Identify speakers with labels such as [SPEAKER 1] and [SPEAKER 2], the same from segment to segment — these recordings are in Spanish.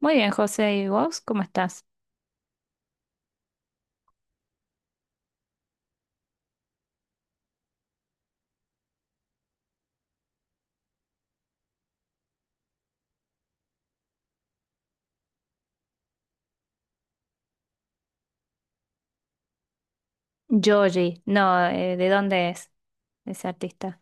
[SPEAKER 1] Muy bien, José, ¿y vos cómo estás? Joji, no, ¿de dónde es ese artista?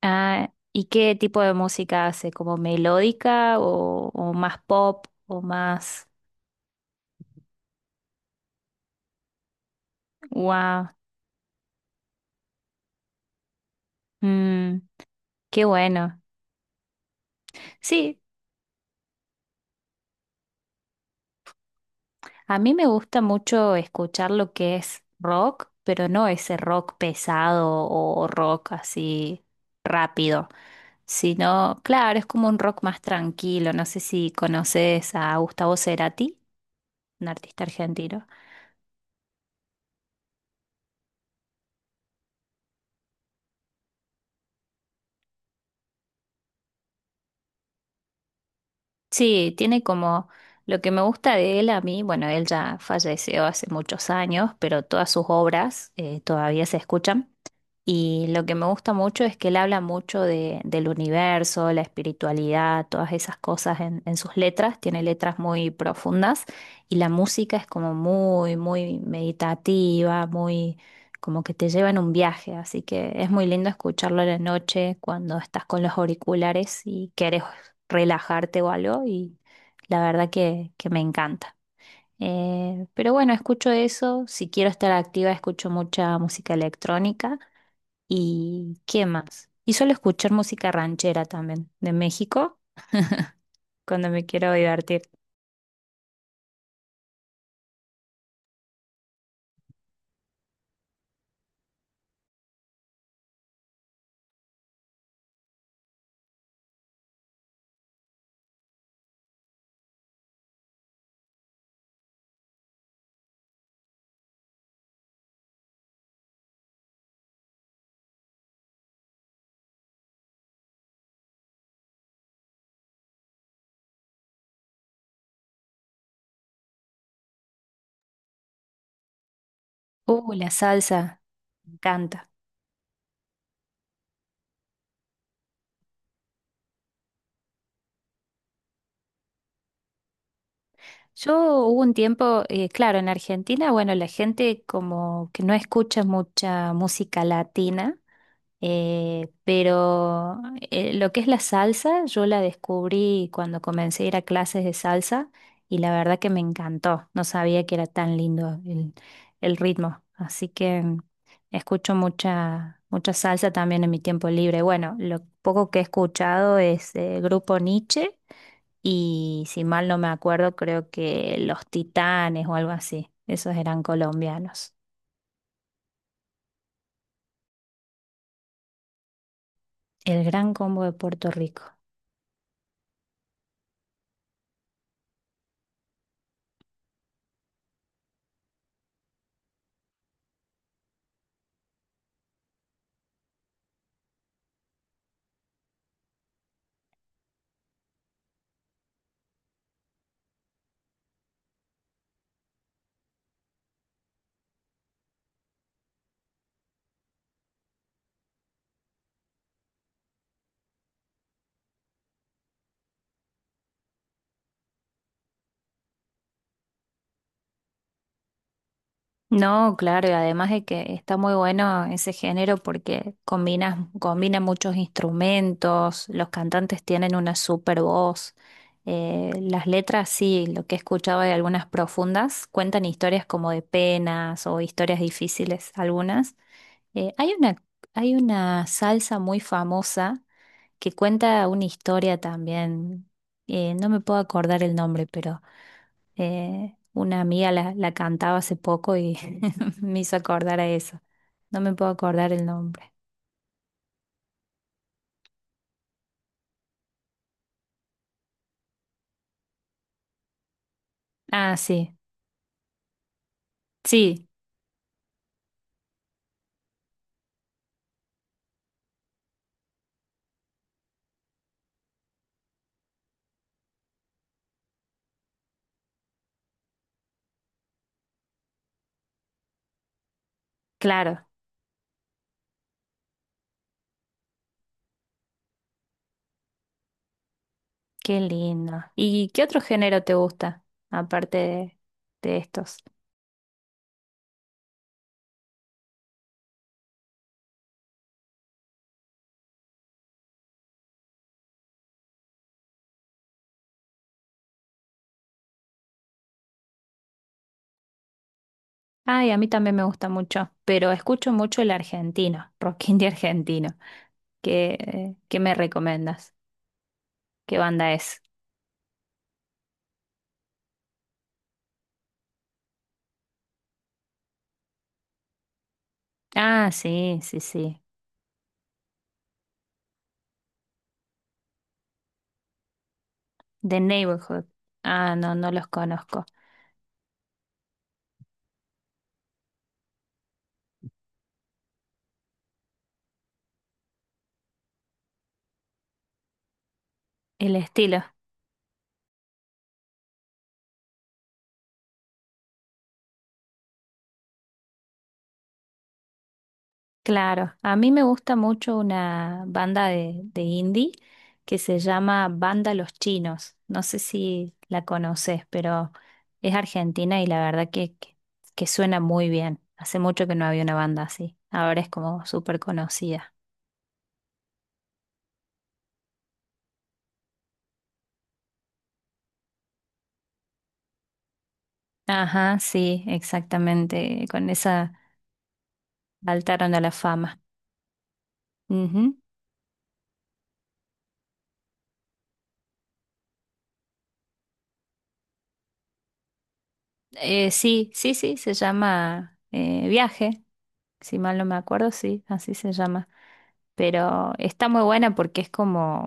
[SPEAKER 1] Ah, ¿y qué tipo de música hace? ¿Como melódica o más pop o más... ¡Wow! mm, qué bueno. Sí, a mí me gusta mucho escuchar lo que es rock, pero no ese rock pesado o rock así rápido, sino, claro, es como un rock más tranquilo. No sé si conoces a Gustavo Cerati, un artista argentino. Sí, tiene como lo que me gusta de él a mí, bueno, él ya falleció hace muchos años, pero todas sus obras todavía se escuchan. Y lo que me gusta mucho es que él habla mucho del universo, la espiritualidad, todas esas cosas en sus letras. Tiene letras muy profundas y la música es como muy meditativa, muy como que te lleva en un viaje. Así que es muy lindo escucharlo en la noche cuando estás con los auriculares y quieres relajarte o algo. Y la verdad que me encanta. Pero bueno, escucho eso. Si quiero estar activa, escucho mucha música electrónica. ¿Y qué más? Y suelo escuchar música ranchera también, de México, cuando me quiero divertir. La salsa, me encanta. Yo Hubo un tiempo, claro, en Argentina, bueno, la gente como que no escucha mucha música latina. Pero lo que es la salsa, yo la descubrí cuando comencé a ir a clases de salsa y la verdad que me encantó. No sabía que era tan lindo el ritmo. Así que escucho mucha, mucha salsa también en mi tiempo libre. Bueno, lo poco que he escuchado es Grupo Nietzsche y si mal no me acuerdo, creo que Los Titanes o algo así. Esos eran colombianos. El Gran Combo de Puerto Rico. No, claro, y además de que está muy bueno ese género porque combina muchos instrumentos, los cantantes tienen una super voz, las letras sí, lo que he escuchado de algunas profundas, cuentan historias como de penas o historias difíciles algunas. Eh, hay una, hay una salsa muy famosa que cuenta una historia también, no me puedo acordar el nombre, pero una amiga la cantaba hace poco y me hizo acordar a eso. No me puedo acordar el nombre. Ah, sí. Sí, claro. Qué lindo. ¿Y qué otro género te gusta, aparte de estos? Ay, a mí también me gusta mucho, pero escucho mucho el argentino, rock indie argentino. ¿Qué, qué me recomiendas? ¿Qué banda es? Ah, sí, sí, sí. The Neighborhood. Ah, no, no los conozco. El estilo. Claro, a mí me gusta mucho una banda de indie que se llama Banda Los Chinos. No sé si la conoces, pero es argentina y la verdad que suena muy bien. Hace mucho que no había una banda así. Ahora es como súper conocida. Ajá, sí, exactamente. Con esa saltaron a la fama. Ujú. Sí, sí, sí, se llama Viaje. Si mal no me acuerdo, sí, así se llama. Pero está muy buena porque es como,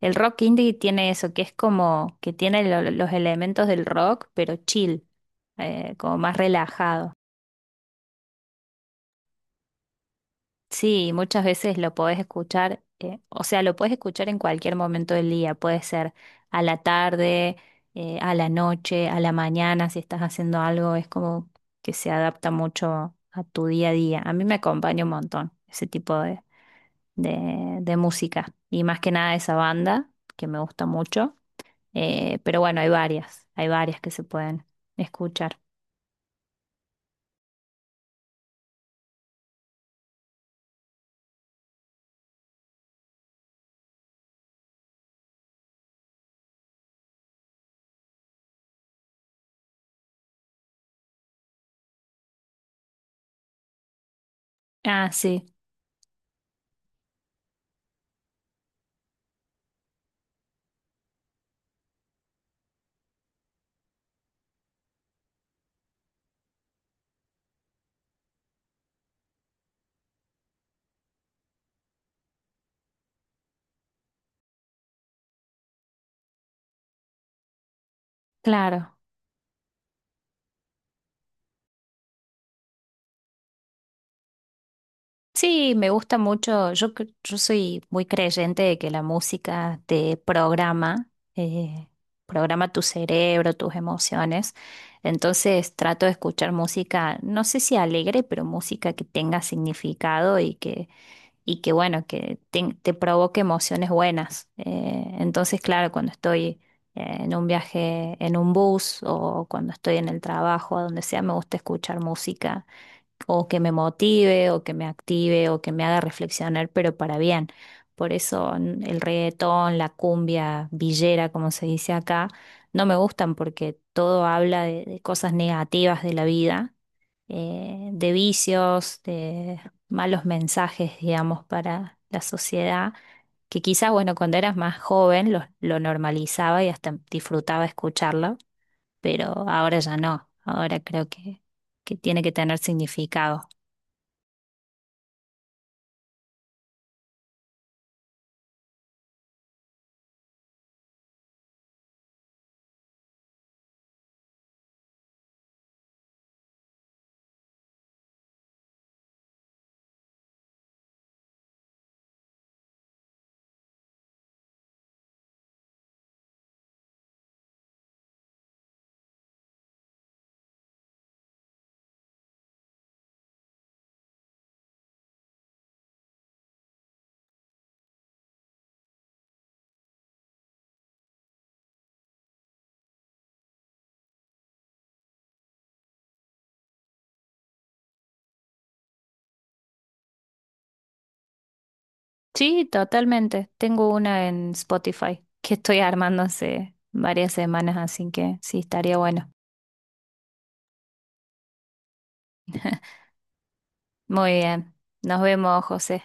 [SPEAKER 1] el rock indie tiene eso, que es como que tiene los elementos del rock, pero chill, como más relajado. Sí, muchas veces lo podés escuchar, o sea, lo podés escuchar en cualquier momento del día, puede ser a la tarde, a la noche, a la mañana, si estás haciendo algo, es como que se adapta mucho a tu día a día. A mí me acompaña un montón ese tipo de... de música y más que nada esa banda que me gusta mucho. Pero bueno, hay varias que se pueden escuchar. Ah, sí, claro. Sí, me gusta mucho. Yo, yo soy muy creyente de que la música te programa, eh, programa tu cerebro, tus emociones. Entonces trato de escuchar música, no sé si alegre, pero música que tenga significado y que bueno, te provoque emociones buenas. Entonces, claro, cuando estoy en un viaje en un bus o cuando estoy en el trabajo, a donde sea, me gusta escuchar música o que me motive, o que me active, o que me haga reflexionar, pero para bien. Por eso el reggaetón, la cumbia villera, como se dice acá, no me gustan porque todo habla de cosas negativas de la vida, de vicios, de malos mensajes, digamos, para la sociedad, que quizás, bueno, cuando eras más joven lo normalizaba y hasta disfrutaba escucharlo, pero ahora ya no, ahora que tiene que tener significado. Sí, totalmente. Tengo una en Spotify que estoy armando hace varias semanas, así que sí, estaría bueno. Muy bien. Nos vemos, José.